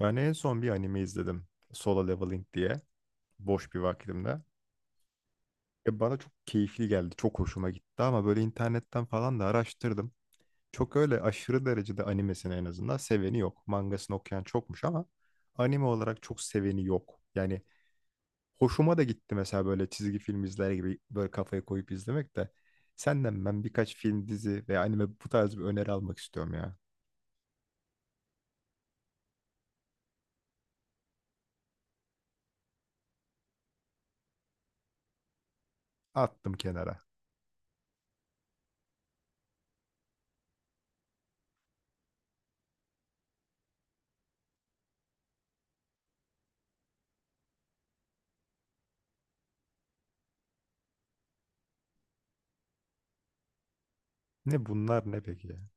Ben en son bir anime izledim. Solo Leveling diye. Boş bir vakitimde. Bana çok keyifli geldi. Çok hoşuma gitti ama böyle internetten falan da araştırdım. Çok öyle aşırı derecede animesini en azından seveni yok. Mangasını okuyan çokmuş ama anime olarak çok seveni yok. Yani hoşuma da gitti mesela böyle çizgi film izler gibi böyle kafayı koyup izlemek de. Senden ben birkaç film, dizi veya anime bu tarz bir öneri almak istiyorum ya. Attım kenara. Ne bunlar ne peki ya?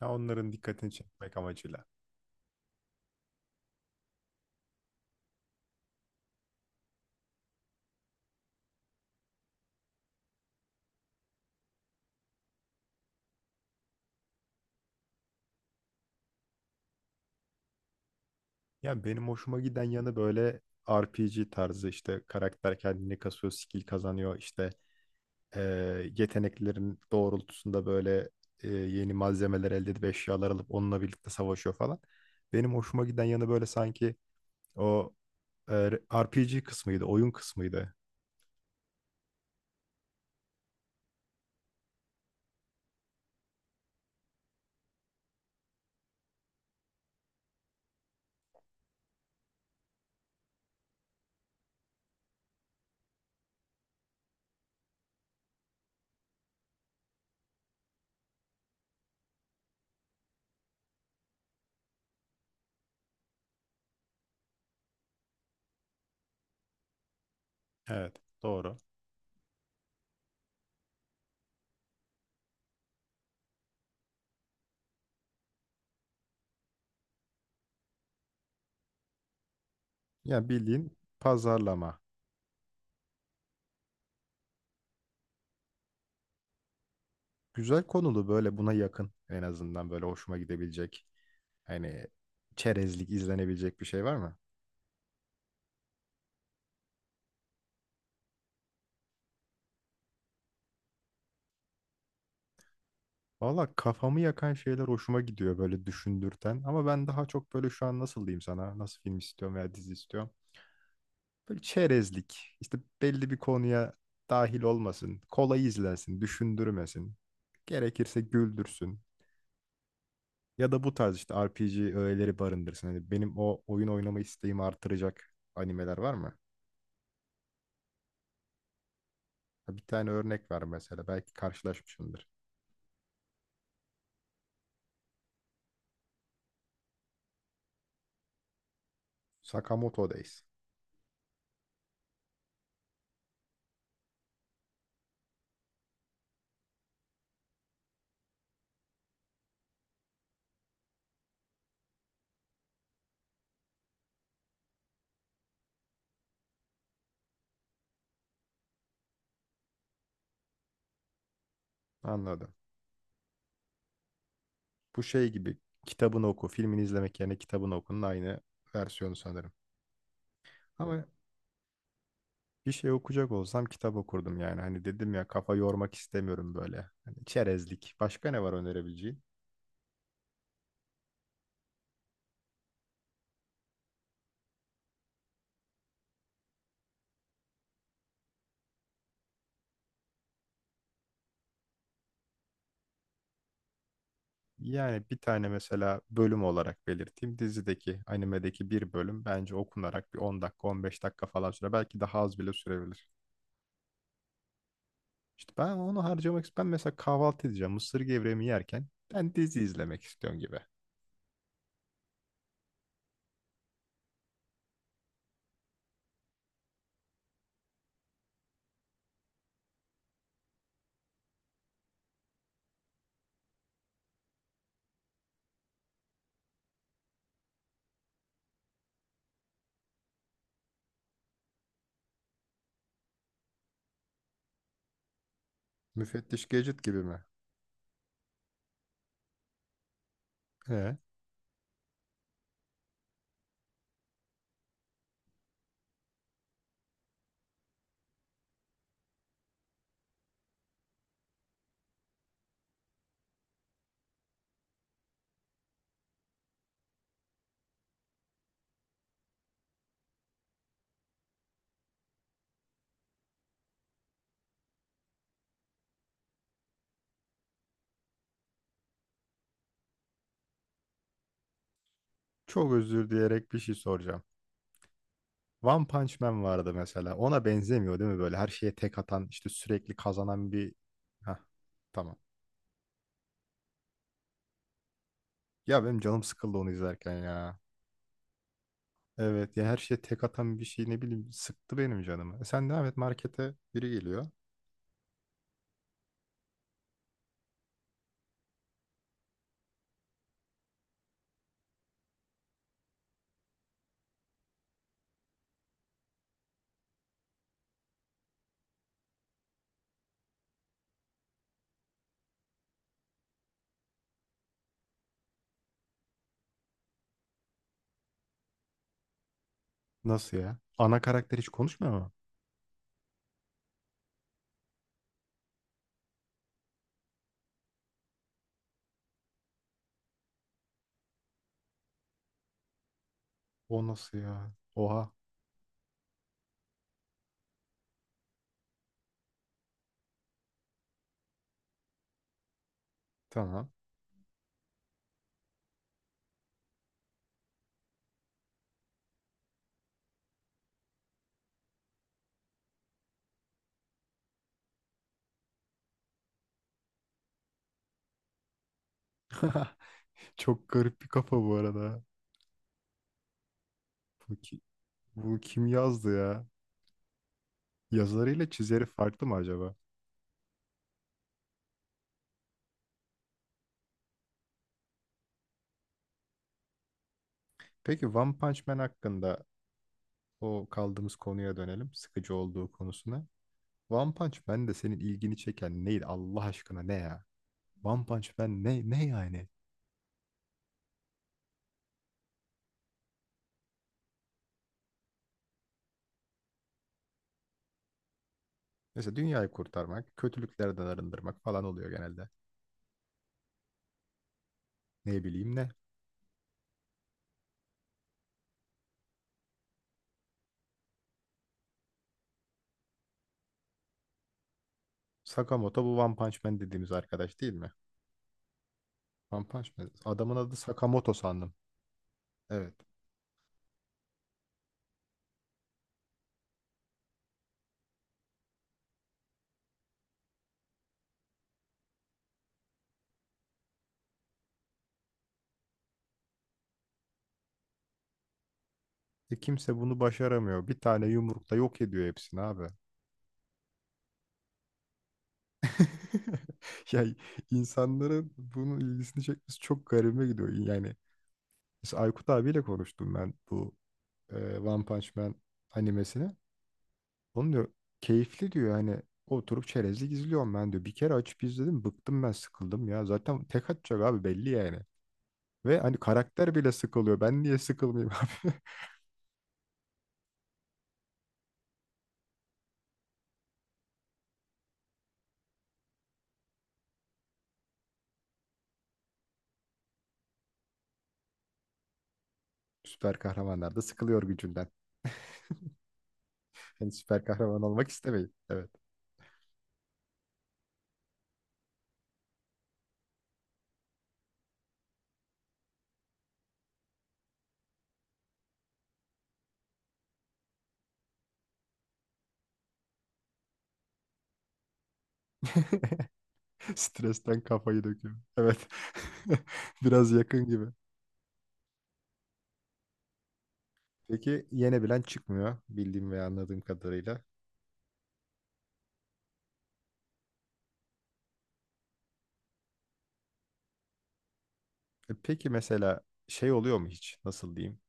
Ya onların dikkatini çekmek amacıyla. Yani benim hoşuma giden yanı böyle RPG tarzı işte karakter kendini kasıyor, skill kazanıyor. İşte eee, yeteneklerin doğrultusunda böyle yeni malzemeler elde edip eşyalar alıp onunla birlikte savaşıyor falan. Benim hoşuma giden yanı böyle sanki o RPG kısmıydı, oyun kısmıydı. Evet, doğru. Yani bildiğin pazarlama. Güzel konulu böyle buna yakın en azından böyle hoşuma gidebilecek. Hani çerezlik izlenebilecek bir şey var mı? Valla kafamı yakan şeyler hoşuma gidiyor böyle düşündürten. Ama ben daha çok böyle şu an nasıl diyeyim sana, nasıl film istiyorum veya dizi istiyorum. Böyle çerezlik, işte belli bir konuya dahil olmasın, kolay izlensin, düşündürmesin. Gerekirse güldürsün. Ya da bu tarz işte RPG öğeleri barındırsın. Hani benim o oyun oynama isteğimi artıracak animeler var mı? Ha, bir tane örnek ver mesela, belki karşılaşmışsındır. Sakamoto Days. Anladım. Bu şey gibi kitabını oku, filmini izlemek yerine kitabını okunun aynı versiyonu sanırım. Ama bir şey okuyacak olsam kitap okurdum yani. Hani dedim ya kafa yormak istemiyorum böyle. Hani çerezlik. Başka ne var önerebileceğin? Yani bir tane mesela bölüm olarak belirteyim. Dizideki, animedeki bir bölüm bence okunarak bir 10 dakika, 15 dakika falan sürer. Belki daha az bile sürebilir. İşte ben onu harcamak istiyorum. Ben mesela kahvaltı edeceğim. Mısır gevreğimi yerken ben dizi izlemek istiyorum gibi. Müfettiş Gadget gibi mi? He. Çok özür dileyerek bir şey soracağım. One Punch Man vardı mesela. Ona benzemiyor değil mi böyle? Her şeye tek atan, işte sürekli kazanan bir... Hah, tamam. Ya benim canım sıkıldı onu izlerken ya. Evet ya, her şeye tek atan bir şey ne bileyim sıktı benim canımı. E sen devam et, markete biri geliyor. Nasıl ya? Ana karakter hiç konuşmuyor mu? O nasıl ya? Oha. Tamam. Çok garip bir kafa bu arada. Bu, ki- Bu kim yazdı ya? Yazarıyla çizeri farklı mı acaba? Peki One Punch Man hakkında o kaldığımız konuya dönelim. Sıkıcı olduğu konusuna. One Punch Man de senin ilgini çeken neydi Allah aşkına ne ya? One Punch Man ne yani? Mesela dünyayı kurtarmak, kötülüklerden arındırmak falan oluyor genelde. Ne bileyim ne. Sakamoto bu One Punch Man dediğimiz arkadaş değil mi? One Punch Man. Adamın adı Sakamoto sandım. Evet. E kimse bunu başaramıyor. Bir tane yumrukla yok ediyor hepsini abi. Yani insanların bunun ilgisini çekmesi çok garibime gidiyor. Yani mesela Aykut abiyle konuştum ben bu One Punch Man animesini. Onun diyor keyifli diyor hani oturup çerezlik izliyorum ben diyor. Bir kere açıp izledim bıktım ben sıkıldım ya. Zaten tek atacak abi belli yani. Ve hani karakter bile sıkılıyor. Ben niye sıkılmayayım abi? Süper kahramanlar da sıkılıyor gücünden. Yani süper kahraman olmak istemeyin. Evet. Stresten kafayı döküyor. Evet. Biraz yakın gibi. Peki yenebilen çıkmıyor bildiğim ve anladığım kadarıyla. E peki mesela şey oluyor mu hiç? Nasıl diyeyim?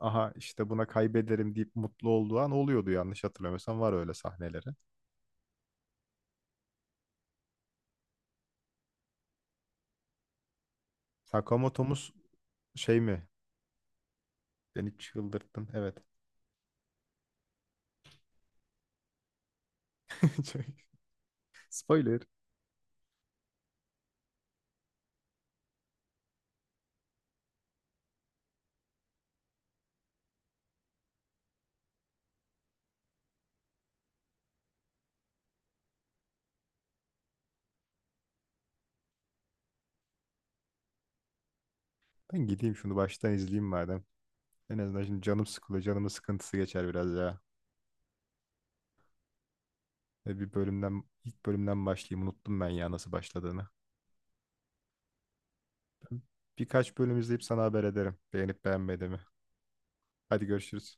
Aha işte buna kaybederim deyip mutlu olduğu an oluyordu, yanlış hatırlamıyorsam var öyle sahneleri. Sakamoto'muz şey mi? Beni çıldırttın. Evet. Çok- Spoiler. Ben gideyim şunu baştan izleyeyim madem. En azından şimdi canım sıkılıyor. Canımın sıkıntısı geçer biraz ya. E bir bölümden, ilk bölümden başlayayım. Unuttum ben ya nasıl başladığını. Birkaç bölüm izleyip sana haber ederim. Beğenip beğenmediğimi. Hadi görüşürüz.